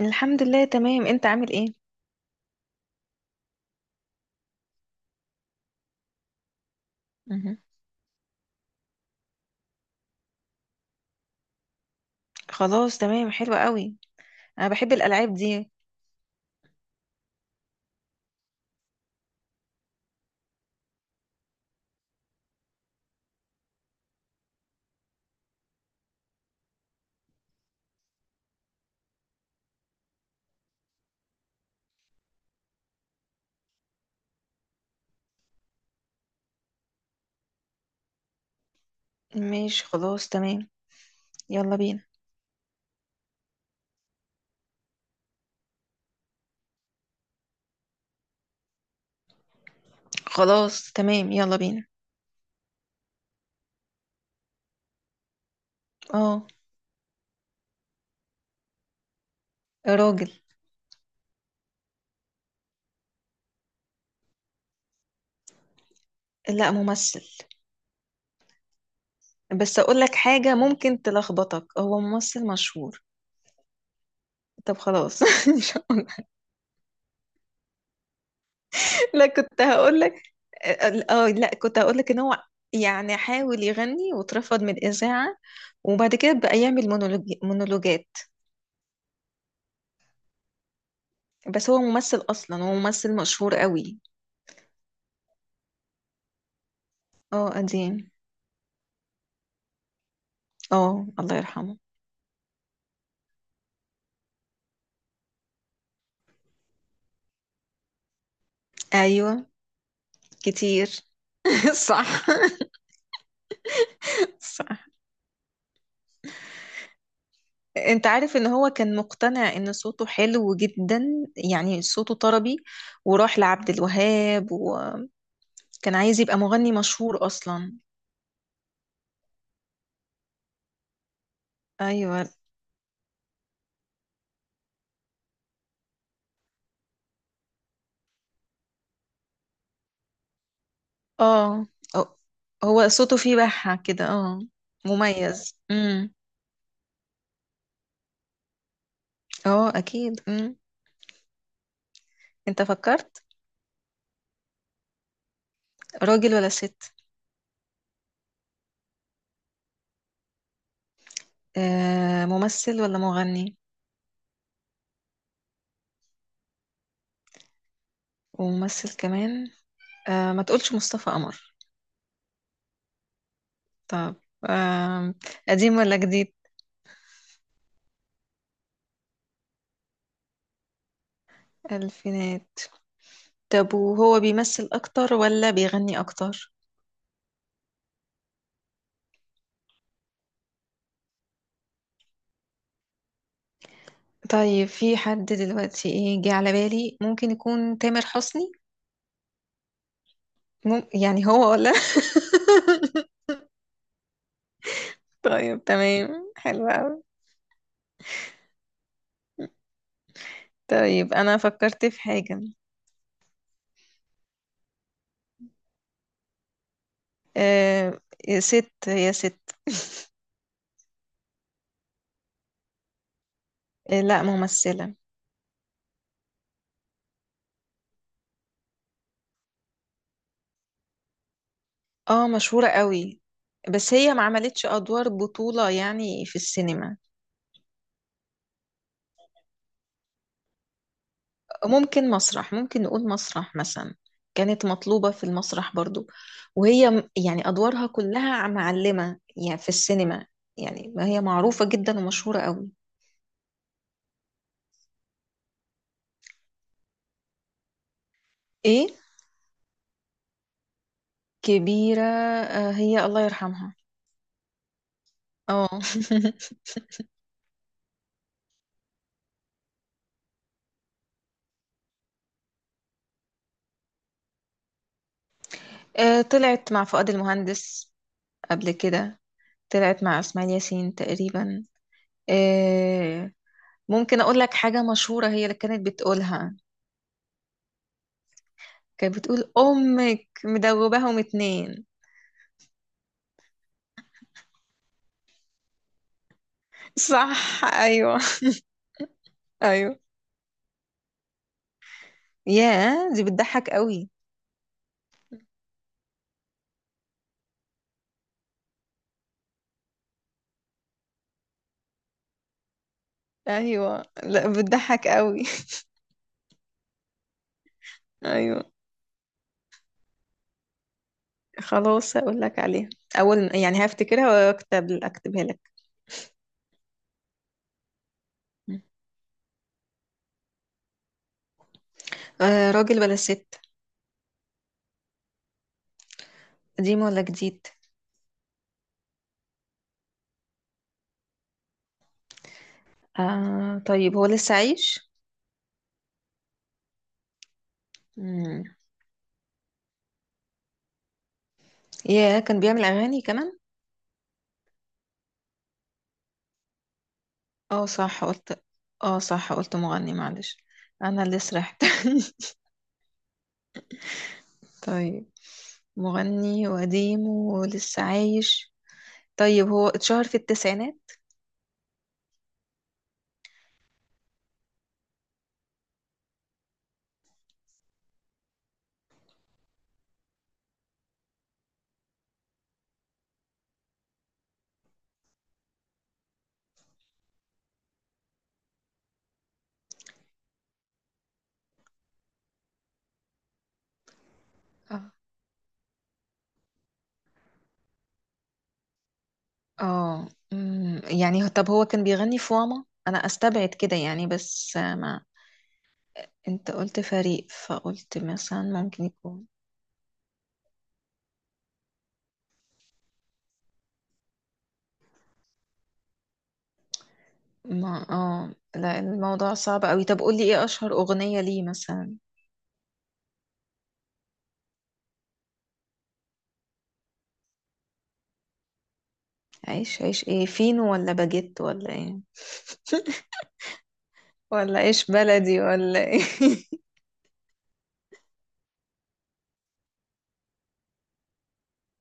الحمد لله، تمام. انت عامل ايه؟ مهم. خلاص تمام، حلو قوي. انا بحب الالعاب دي. ماشي، خلاص تمام. يلا بينا. خلاص تمام، يلا بينا. اه. راجل. لا، ممثل. بس اقول لك حاجة ممكن تلخبطك، هو ممثل مشهور. طب خلاص. لا، كنت هقول لك. اه. آه، لا كنت هقول لك ان هو يعني حاول يغني واترفض من الإذاعة. وبعد كده بقى يعمل مونولوجات. بس هو ممثل أصلا، هو ممثل مشهور قوي. اه، قديم. اه، الله يرحمه. ايوه. كتير. صح. صح. انت عارف ان هو كان مقتنع ان صوته حلو جدا، يعني صوته طربي. وراح لعبد الوهاب، وكان عايز يبقى مغني مشهور اصلا. ايوه. اه. اه. هو صوته فيه بحة كده، اه. مميز. اه، اكيد. انت فكرت؟ راجل ولا ست؟ آه، ممثل ولا مغني؟ وممثل كمان. آه، ما تقولش مصطفى قمر. طب. آه. قديم ولا جديد؟ الفينات. طب، وهو بيمثل اكتر ولا بيغني اكتر؟ طيب، في حد دلوقتي، ايه، جه على بالي ممكن يكون تامر حسني. يعني هو ولا؟ طيب، تمام. حلو قوي. طيب، انا فكرت في حاجة. آه. يا ست، يا ست. آه، لا، ممثلة. اه، مشهورة قوي. بس هي ما عملتش ادوار بطولة يعني في السينما. ممكن مسرح، ممكن نقول مسرح مثلا. كانت مطلوبة في المسرح برضو. وهي يعني أدوارها كلها معلمة، يعني في السينما. يعني ما هي معروفة جدا ومشهورة قوي. إيه؟ كبيرة. آه، هي الله يرحمها. اه. آه، طلعت مع فؤاد المهندس قبل كده. طلعت مع إسماعيل ياسين تقريبا. آه، ممكن أقول لك حاجة مشهورة هي اللي كانت بتقولها. كانت بتقول أمك مدوباهم اتنين. صح، أيوه. ايوه. ياه، دي بتضحك قوي. ايوه، لا، بتضحك قوي. ايوه. خلاص، هقول لك عليها. اول يعني هفتكرها، اكتبها لك. آه، راجل بلا ست. قديم ولا جديد؟ آه، طيب، هو لسه عايش. مم. ياه، كان بيعمل اغاني كمان. اه، صح قلت. اه، صح قلت مغني، معلش. انا اللي سرحت. طيب. مغني وقديم ولسه عايش. طيب، هو اتشهر في التسعينات. اه، يعني طب هو كان بيغني في، واما انا استبعد كده يعني، بس ما انت قلت فريق فقلت مثلا ممكن يكون. ما، اه، لا، الموضوع صعب قوي. طب قولي، ايه اشهر اغنية ليه مثلا؟ عيش، عيش ايه، فينو ولا باجيت ولا ايه؟ ولا عيش بلدي ولا ايه؟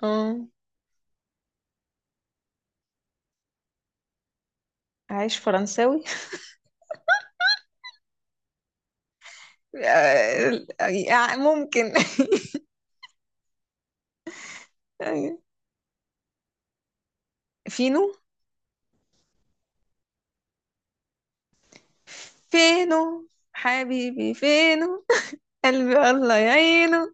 اه، عيش فرنساوي؟ آه، آه، ممكن. أيوة. فينو. فينو حبيبي فينو. قلبي الله يعينه.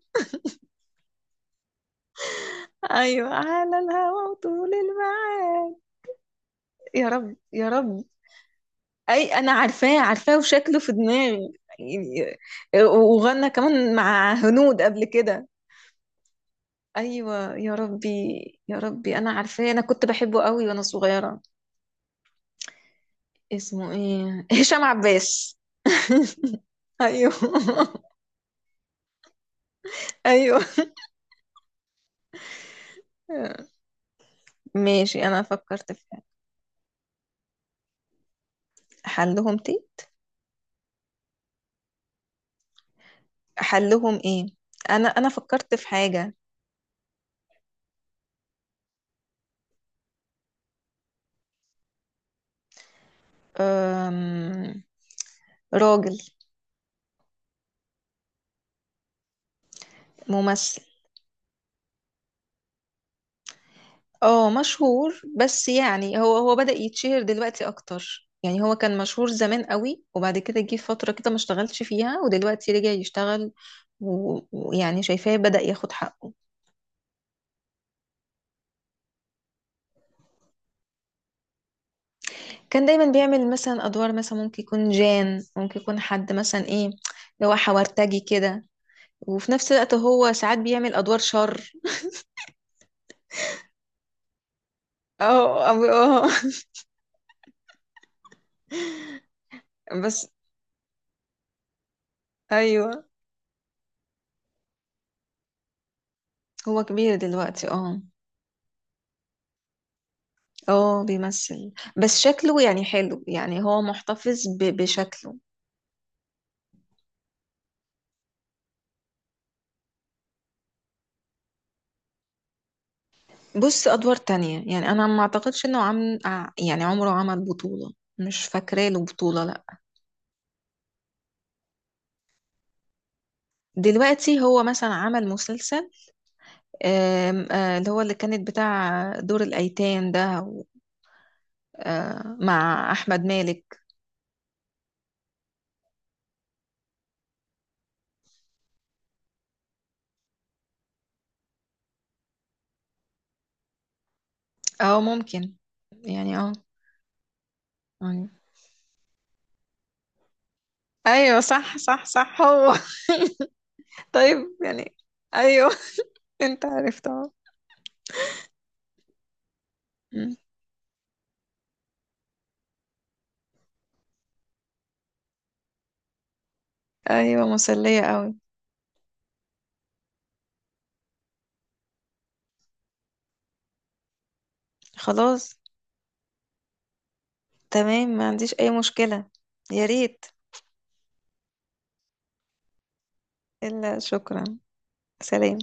ايوه، على الهوا وطول الميعاد. يا رب، يا رب. اي، انا عارفاه عارفاه، وشكله في دماغي، يعني. وغنى كمان مع هنود قبل كده. ايوه. يا ربي. يا ربي، انا عارفاه، انا كنت بحبه قوي وانا صغيره. اسمه ايه، هشام عباس. ايوه. ايوه. ماشي، انا فكرت في حاجة. احلهم تي. احلهم ايه. انا فكرت في حاجه. أم... راجل. ممثل. اه، مشهور. بس يعني هو بدأ يتشهر دلوقتي اكتر، يعني هو كان مشهور زمان قوي، وبعد كده جه فترة كده ما اشتغلش فيها، ودلوقتي رجع يشتغل. ويعني شايفاه بدأ ياخد حقه. كان دايما بيعمل مثلا ادوار، مثلا ممكن يكون جان، ممكن يكون حد مثلا، ايه اللي هو حورتجي كده. وفي نفس الوقت هو ساعات بيعمل ادوار شر. اه. اه. آه. بس. ايوه. هو كبير دلوقتي، اه. اه، بيمثل. بس شكله يعني حلو، يعني هو محتفظ بشكله. بص، ادوار تانية يعني. انا ما اعتقدش انه عم يعني عمره عمل بطولة. مش فاكرة له بطولة، لا. دلوقتي هو مثلا عمل مسلسل، اللي هو اللي كانت بتاع دور الايتام ده آه، مع احمد مالك. اه، ممكن، يعني، اه. أيوة. ايوه، صح، صح، صح، هو. طيب، يعني. ايوه. انت عرفت، اه. أمم. ايوه، مسلية قوي. خلاص. تمام، ما عنديش أي مشكلة. يا ريت. إلا، شكرا. سلام.